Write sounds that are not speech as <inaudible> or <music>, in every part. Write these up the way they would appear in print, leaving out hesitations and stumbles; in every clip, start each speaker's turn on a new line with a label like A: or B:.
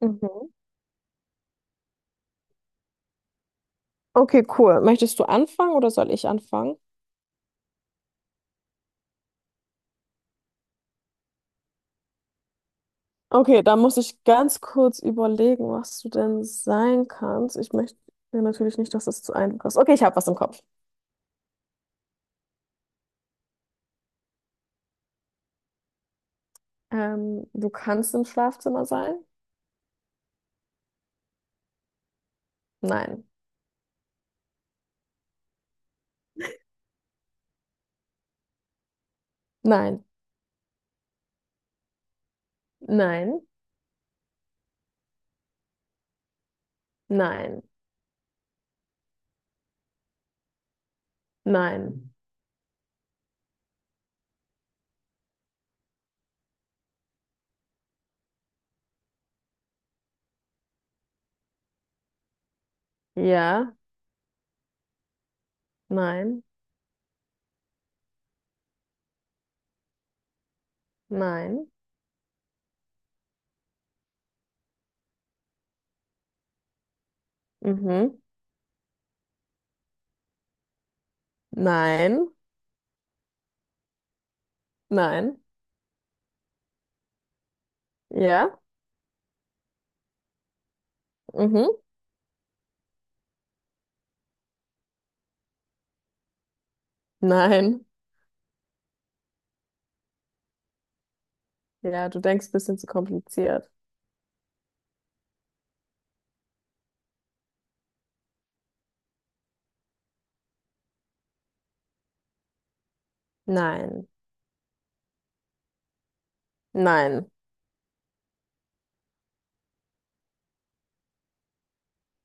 A: Mhm. Okay, cool. Möchtest du anfangen oder soll ich anfangen? Okay, da muss ich ganz kurz überlegen, was du denn sein kannst. Ich möchte ja natürlich nicht, dass das zu einfach ist. Okay, ich habe was im Kopf. Du kannst im Schlafzimmer sein? Nein. Nein. Nein. Nein. Nein. Ja. Nein. Nein. Mhm. Nein. Nein. Ja. Mhm. Nein. Ja, du denkst ein bisschen zu kompliziert. Nein. Nein.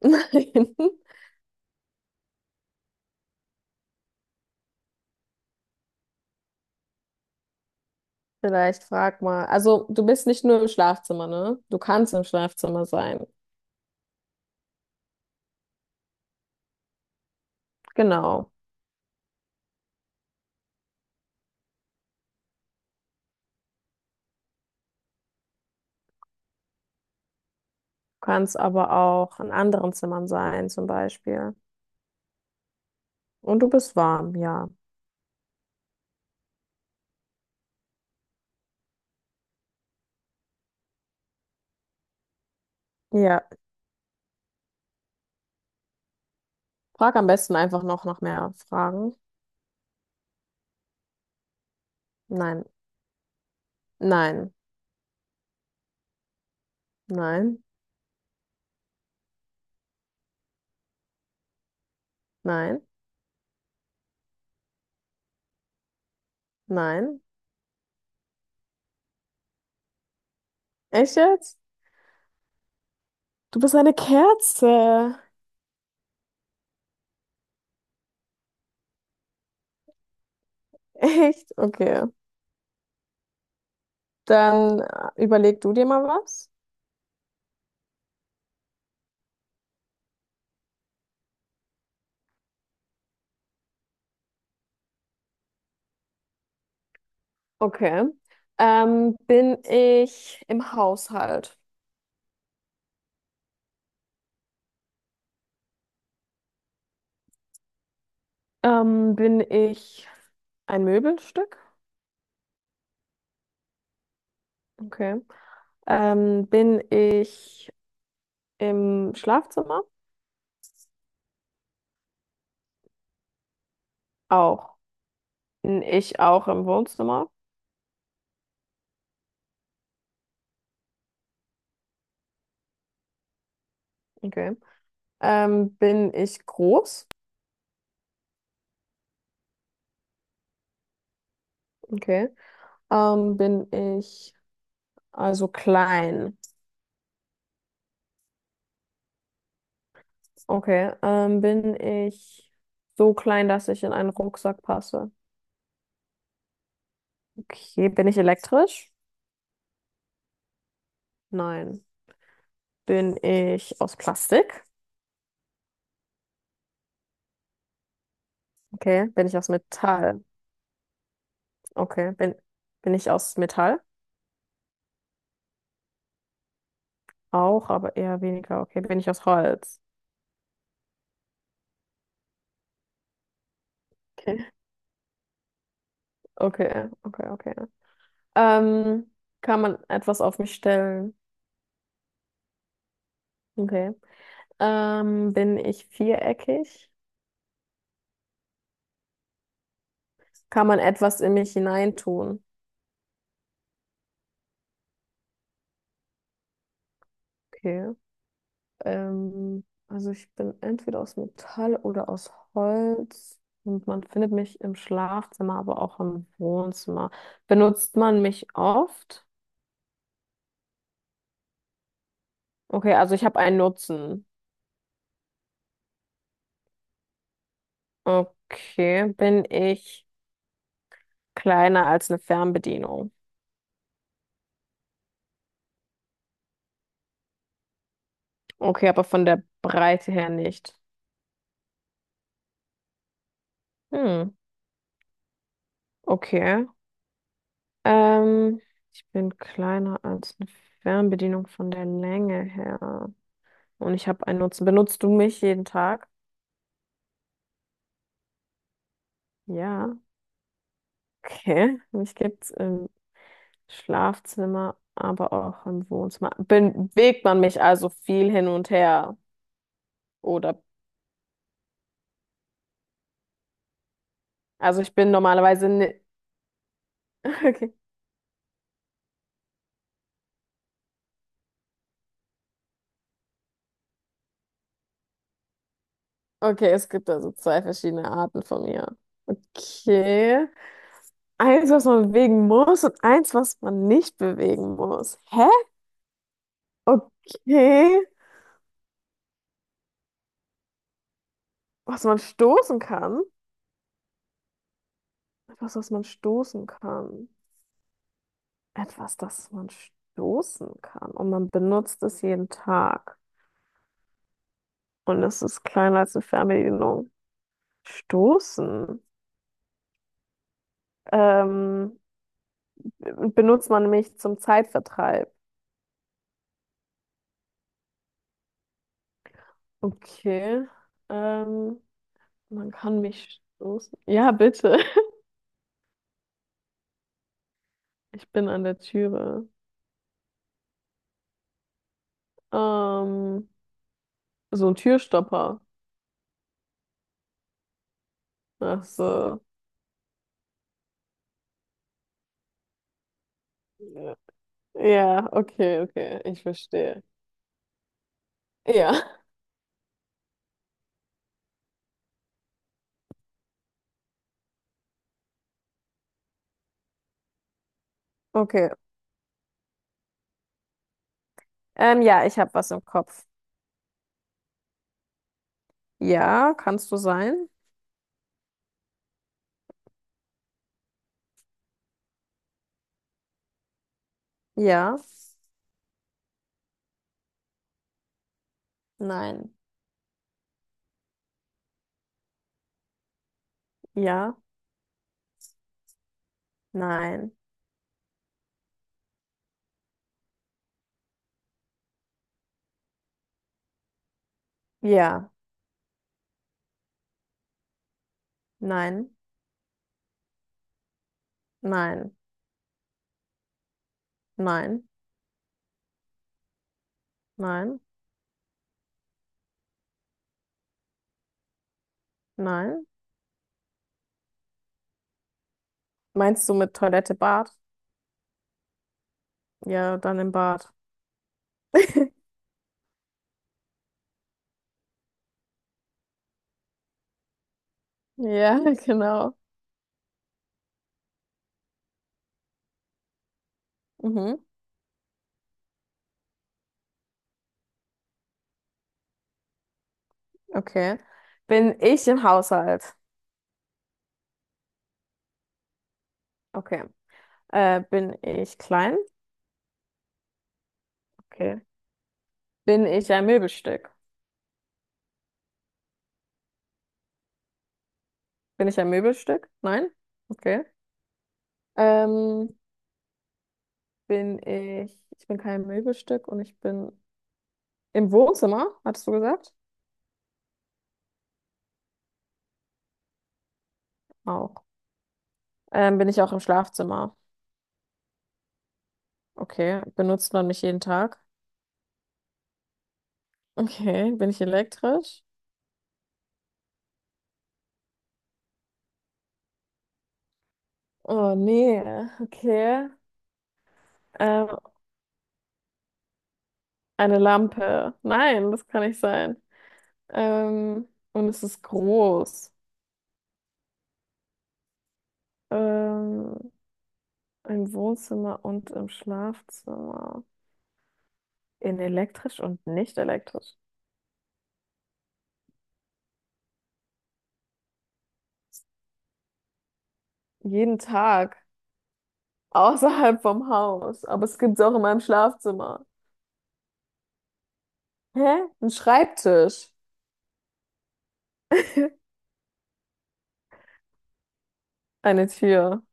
A: <laughs> Nein. Vielleicht frag mal. Also, du bist nicht nur im Schlafzimmer, ne? Du kannst im Schlafzimmer sein. Genau. Du kannst aber auch in anderen Zimmern sein, zum Beispiel. Und du bist warm, ja. Ja. Frag am besten einfach noch nach mehr Fragen. Nein. Nein. Nein. Nein. Nein. Echt jetzt? Du bist eine Kerze. <laughs> Echt? Okay. Dann überleg du dir mal was. Okay. Bin ich im Haushalt? Bin ich ein Möbelstück? Okay. Bin ich im Schlafzimmer? Auch. Bin ich auch im Wohnzimmer? Okay. Bin ich groß? Okay. Bin ich also klein? Okay. Bin ich so klein, dass ich in einen Rucksack passe? Okay. Bin ich elektrisch? Nein. Bin ich aus Plastik? Okay. Bin ich aus Metall? Okay. Bin ich aus Metall? Auch, aber eher weniger. Okay. Bin ich aus Holz? Okay. Okay, okay, okay. Ähm, kann man etwas auf mich stellen? Okay. Bin ich viereckig? Kann man etwas in mich hineintun? Okay. Also ich bin entweder aus Metall oder aus Holz und man findet mich im Schlafzimmer, aber auch im Wohnzimmer. Benutzt man mich oft? Okay, also ich habe einen Nutzen. Okay, bin ich kleiner als eine Fernbedienung? Okay, aber von der Breite her nicht. Hm, okay. Ähm, ich bin kleiner als eine Fernbedienung von der Länge her. Und ich habe einen Nutzen. Benutzt du mich jeden Tag? Ja. Okay, mich gibt's im Schlafzimmer, aber auch im Wohnzimmer. Bewegt man mich also viel hin und her? Oder, also ich bin normalerweise nicht. <laughs> Okay. Okay, es gibt also zwei verschiedene Arten von mir. Okay. Eins, was man bewegen muss und eins, was man nicht bewegen muss. Hä? Okay. Was man stoßen kann? Etwas, was man stoßen kann. Etwas, das man stoßen kann. Und man benutzt es jeden Tag. Und es ist kleiner als eine Fernbedienung. Stoßen. Ähm, benutzt man mich zum Zeitvertreib? Okay. Ähm, man kann mich stoßen. Ja, bitte. <laughs> Ich bin an der Türe. Ähm, so ein Türstopper. Ach so. Ja, ja, okay, okay. Ich verstehe. Ja. Okay. Ja, ich habe was im Kopf. Ja, kannst du sein? Ja. Nein. Ja. Nein. Ja. Nein, nein, nein, nein, nein. Meinst du mit Toilette, Bad? Ja, dann im Bad. Ja, <laughs> genau. Mhm, okay. Bin ich im Haushalt? Okay. Bin ich klein? Okay. Bin ich ein Möbelstück? Bin ich ein Möbelstück? Nein? Okay. Ähm, ich bin kein Möbelstück und ich bin im Wohnzimmer, hattest du gesagt? Auch. Bin ich auch im Schlafzimmer? Okay. Benutzt man mich jeden Tag? Okay, bin ich elektrisch? Oh nee, okay. Ähm, eine Lampe. Nein, das kann nicht sein. Ähm, und es ist groß. Ähm, im Wohnzimmer und im Schlafzimmer. In elektrisch und nicht elektrisch. Jeden Tag. Außerhalb vom Haus. Aber es gibt es auch in meinem Schlafzimmer. Hä? Ein Schreibtisch. <laughs> Eine Tür.